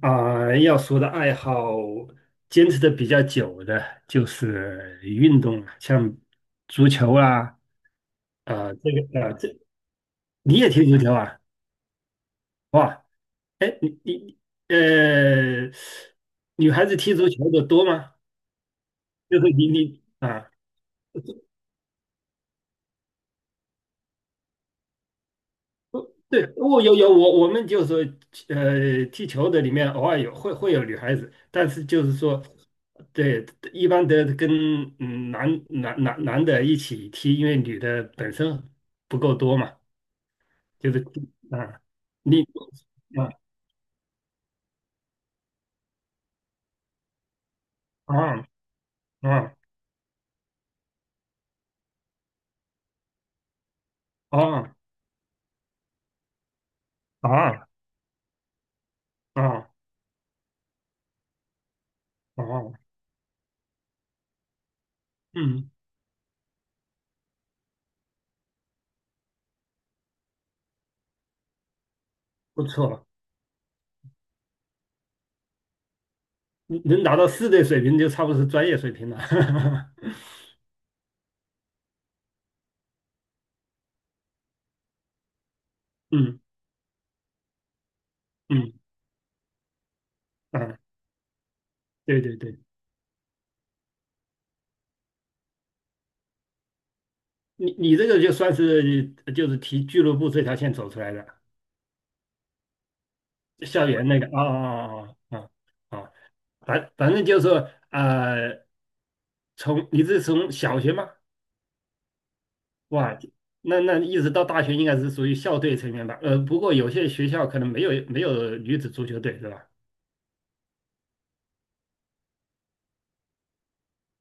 啊，要说的爱好，坚持的比较久的就是运动了，像足球啊。啊，这个啊，这你也踢足球啊？哇，哎，你呃，女孩子踢足球的多吗？就是你你啊对，我有有我我们就是说，踢球的里面偶尔会有女孩子，但是就是说，对，一般的跟嗯男的一起踢，因为女的本身不够多嘛。就是啊，你啊啊啊啊啊啊啊，嗯，不错。嗯，能达到四队水平就差不多是专业水平了。嗯嗯啊，对对对。你你这个就算是就是提俱乐部这条线走出来的，校园那个啊，反正就是说从你是从小学吗？哇，那那一直到大学应该是属于校队成员吧？呃，不过有些学校可能没有没有女子足球队是吧？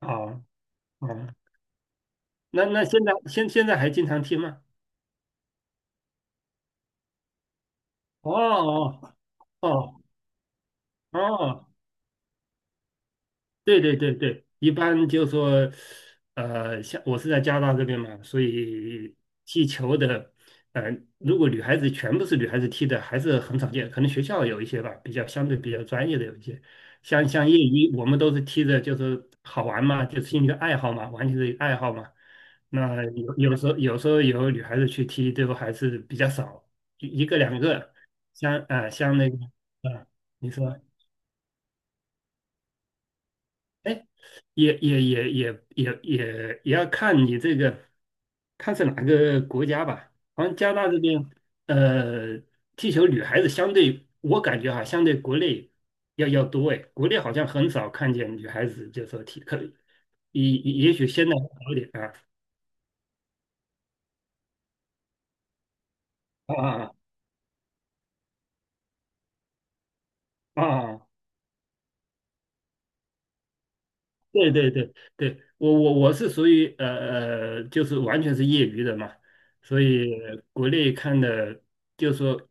哦哦，那那现在现在还经常踢吗？哦哦哦哦对对对对，一般就说，呃，像我是在加拿大这边嘛，所以踢球的，呃，如果女孩子全部是女孩子踢的，还是很少见，可能学校有一些吧，比较相对比较专业的有一些，像像业余，我们都是踢的，就是好玩嘛，就是兴趣爱好嘛，完全是一个爱好嘛。那有时候有时候有女孩子去踢，最后还是比较少，一个两个，像啊、像那个啊、你说。也要看你这个，看是哪个国家吧。好像加拿大这边，呃，踢球女孩子相对，我感觉哈，相对国内要多哎。国内好像很少看见女孩子就说踢，可也也许现在好一点啊啊啊啊！啊啊对对对对，我是属于就是完全是业余的嘛，所以国内看的，就是说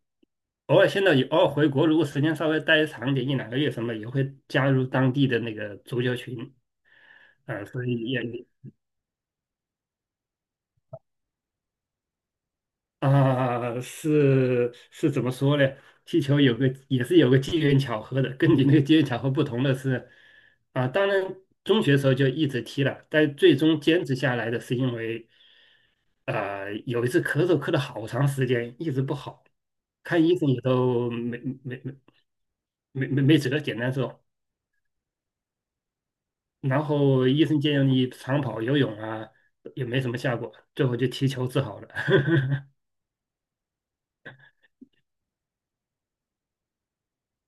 偶尔现在也偶尔回国，如果时间稍微待长点，一两个月什么，也会加入当地的那个足球群。啊、所以也啊、是是怎么说呢？踢球有个也是有个机缘巧合的，跟你那个机缘巧合不同的是，啊、当然中学时候就一直踢了，但最终坚持下来的是因为有一次咳嗽咳了好长时间，一直不好，看医生也都没止得简单说。然后医生建议你长跑、游泳啊，也没什么效果，最后就踢球治好了。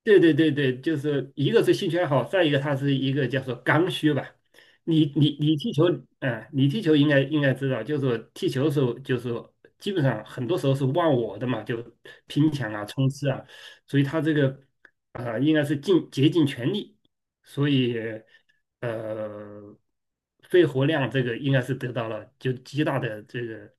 对对对对，就是一个是兴趣爱好，再一个它是一个叫做刚需吧。你踢球，啊，你踢球应该应该知道，就是说踢球的时候，就是说基本上很多时候是忘我的嘛，就拼抢啊、冲刺啊，所以他这个啊、应该是尽竭尽全力，所以呃肺活量这个应该是得到了就极大的这个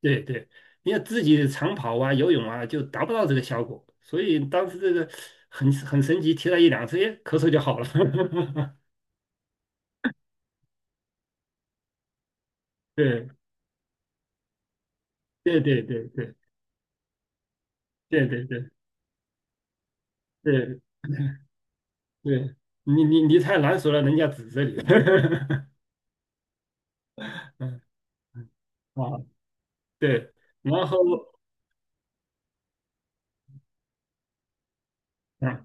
对对，你要自己长跑啊、游泳啊，就达不到这个效果。所以当时这个很神奇，提了一两次，哎，咳嗽就好了。对对对对对对对对对对，你太难说了，人家指着你。嗯啊，对，然后啊，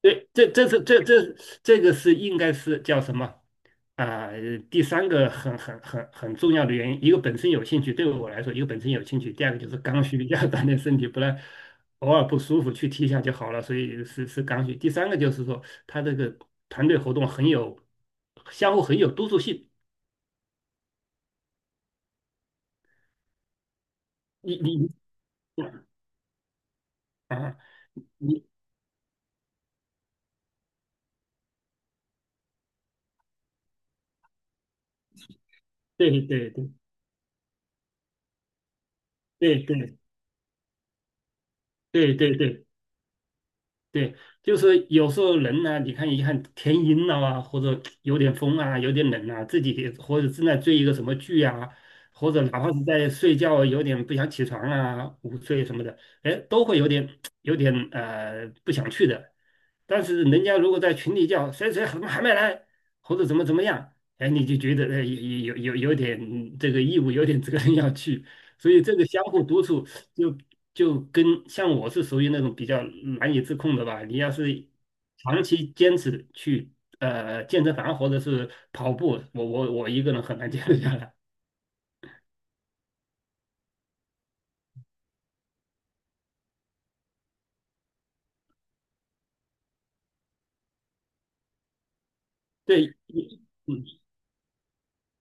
对，这这个是应该是叫什么？啊、第三个很重要的原因，一个本身有兴趣，对我来说，一个本身有兴趣，第二个就是刚需，要锻炼身体，不然偶尔不舒服去踢一下就好了，所以是是刚需。第三个就是说，他这个团队活动很有相互很有督促性。你啊，你对对对对对对对对对，就是有时候人呢，你看一看天阴了啊，或者有点风啊，有点冷啊，自己或者正在追一个什么剧啊，或者哪怕是在睡觉啊有点不想起床啊，午睡什么的，哎，都会有点不想去的。但是人家如果在群里叫谁谁怎么还没来，或者怎么怎么样，哎，你就觉得哎有点这个义务，有点责任要去，所以这个相互督促。就就跟像我是属于那种比较难以自控的吧。你要是长期坚持去健身房或者是跑步，我一个人很难坚持下来。对，嗯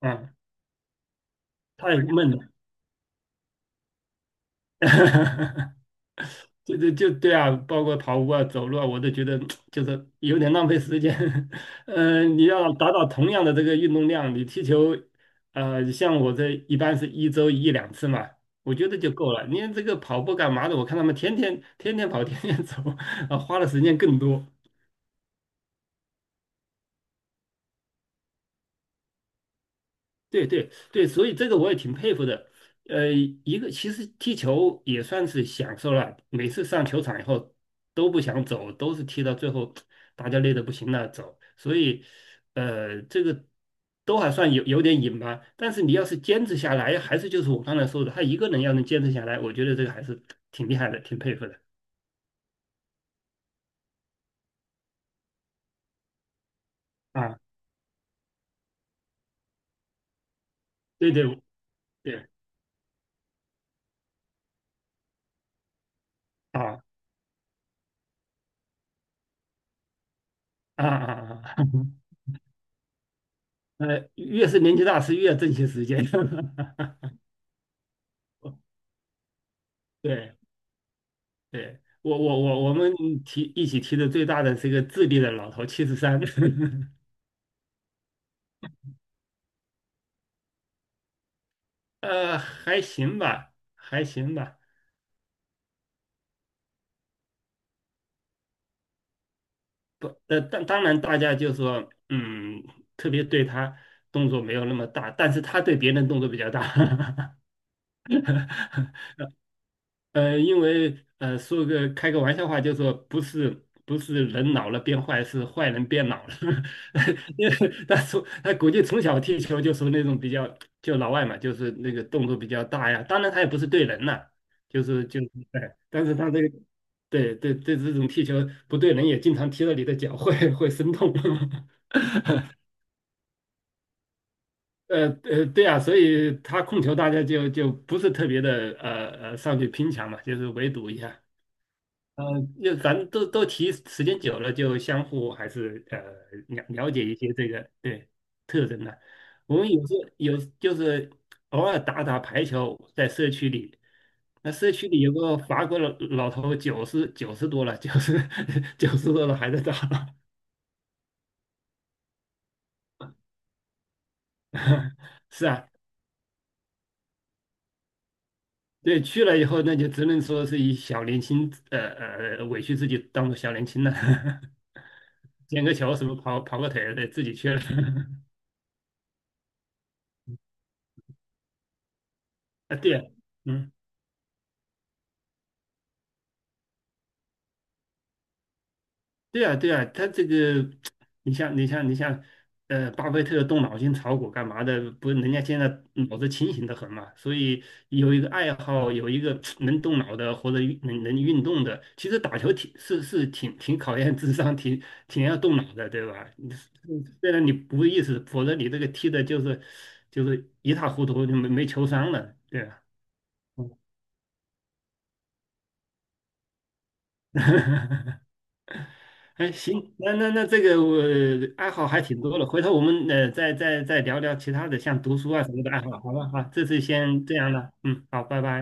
啊，太闷了。就对啊，包括跑步啊、走路啊，我都觉得就是有点浪费时间。嗯，你要达到同样的这个运动量，你踢球，呃，像我这一般是一周一两次嘛，我觉得就够了。你这个跑步干嘛的？我看他们天天跑，天天走。啊，花的时间更多。对对对，所以这个我也挺佩服的。呃，一个其实踢球也算是享受了，每次上球场以后都不想走，都是踢到最后大家累得不行了走。所以，呃，这个都还算有有点瘾吧。但是你要是坚持下来，还是就是我刚才说的，他一个人要能坚持下来，我觉得这个还是挺厉害的，挺佩服的啊。对对对啊啊啊啊！呃，越是年纪大是越珍惜时间。对。对，我我们提一起提的最大的是一个智利的老头73。呃，还行吧，还行吧。不，呃，当当然大家就说，嗯，特别对他动作没有那么大，但是他对别人动作比较大。呃，因为呃，说个开个玩笑话，就说不是人老了变坏，是坏人变老了。因为他从他估计从小踢球就是那种比较就老外嘛，就是那个动作比较大呀。当然他也不是对人呐、就是哎，但是他这个对对对这种踢球不对人，也经常踢到你的脚会生痛。呃呃，对啊，所以他控球大家就就不是特别的上去拼抢嘛，就是围堵一下。呃，就反正都提时间久了，就相互还是呃了解一些这个对特征的。我们有时候有就是偶尔打打排球，在社区里，那社区里有个法国老头，九十多了，九十 90多了还在打。是啊，对，去了以后那就只能说是以小年轻，委屈自己当做小年轻了。捡个球什么跑个腿，对，自己去了。啊，对啊嗯。对啊，对啊，他这个，你像，呃，巴菲特动脑筋炒股干嘛的？不是人家现在脑子清醒的很嘛，所以有一个爱好，有一个能动脑的或者运能运动的，其实打球挺是是挺挺考验智商，挺挺要动脑的，对吧？你虽然你不意识，否则你这个踢的就是一塌糊涂，就没球商了，对啊。哎，行，那这个我爱好还挺多的，回头我们呃再聊聊其他的，像读书啊什么的爱好，好吧？好，这次先这样了，嗯，好，拜拜。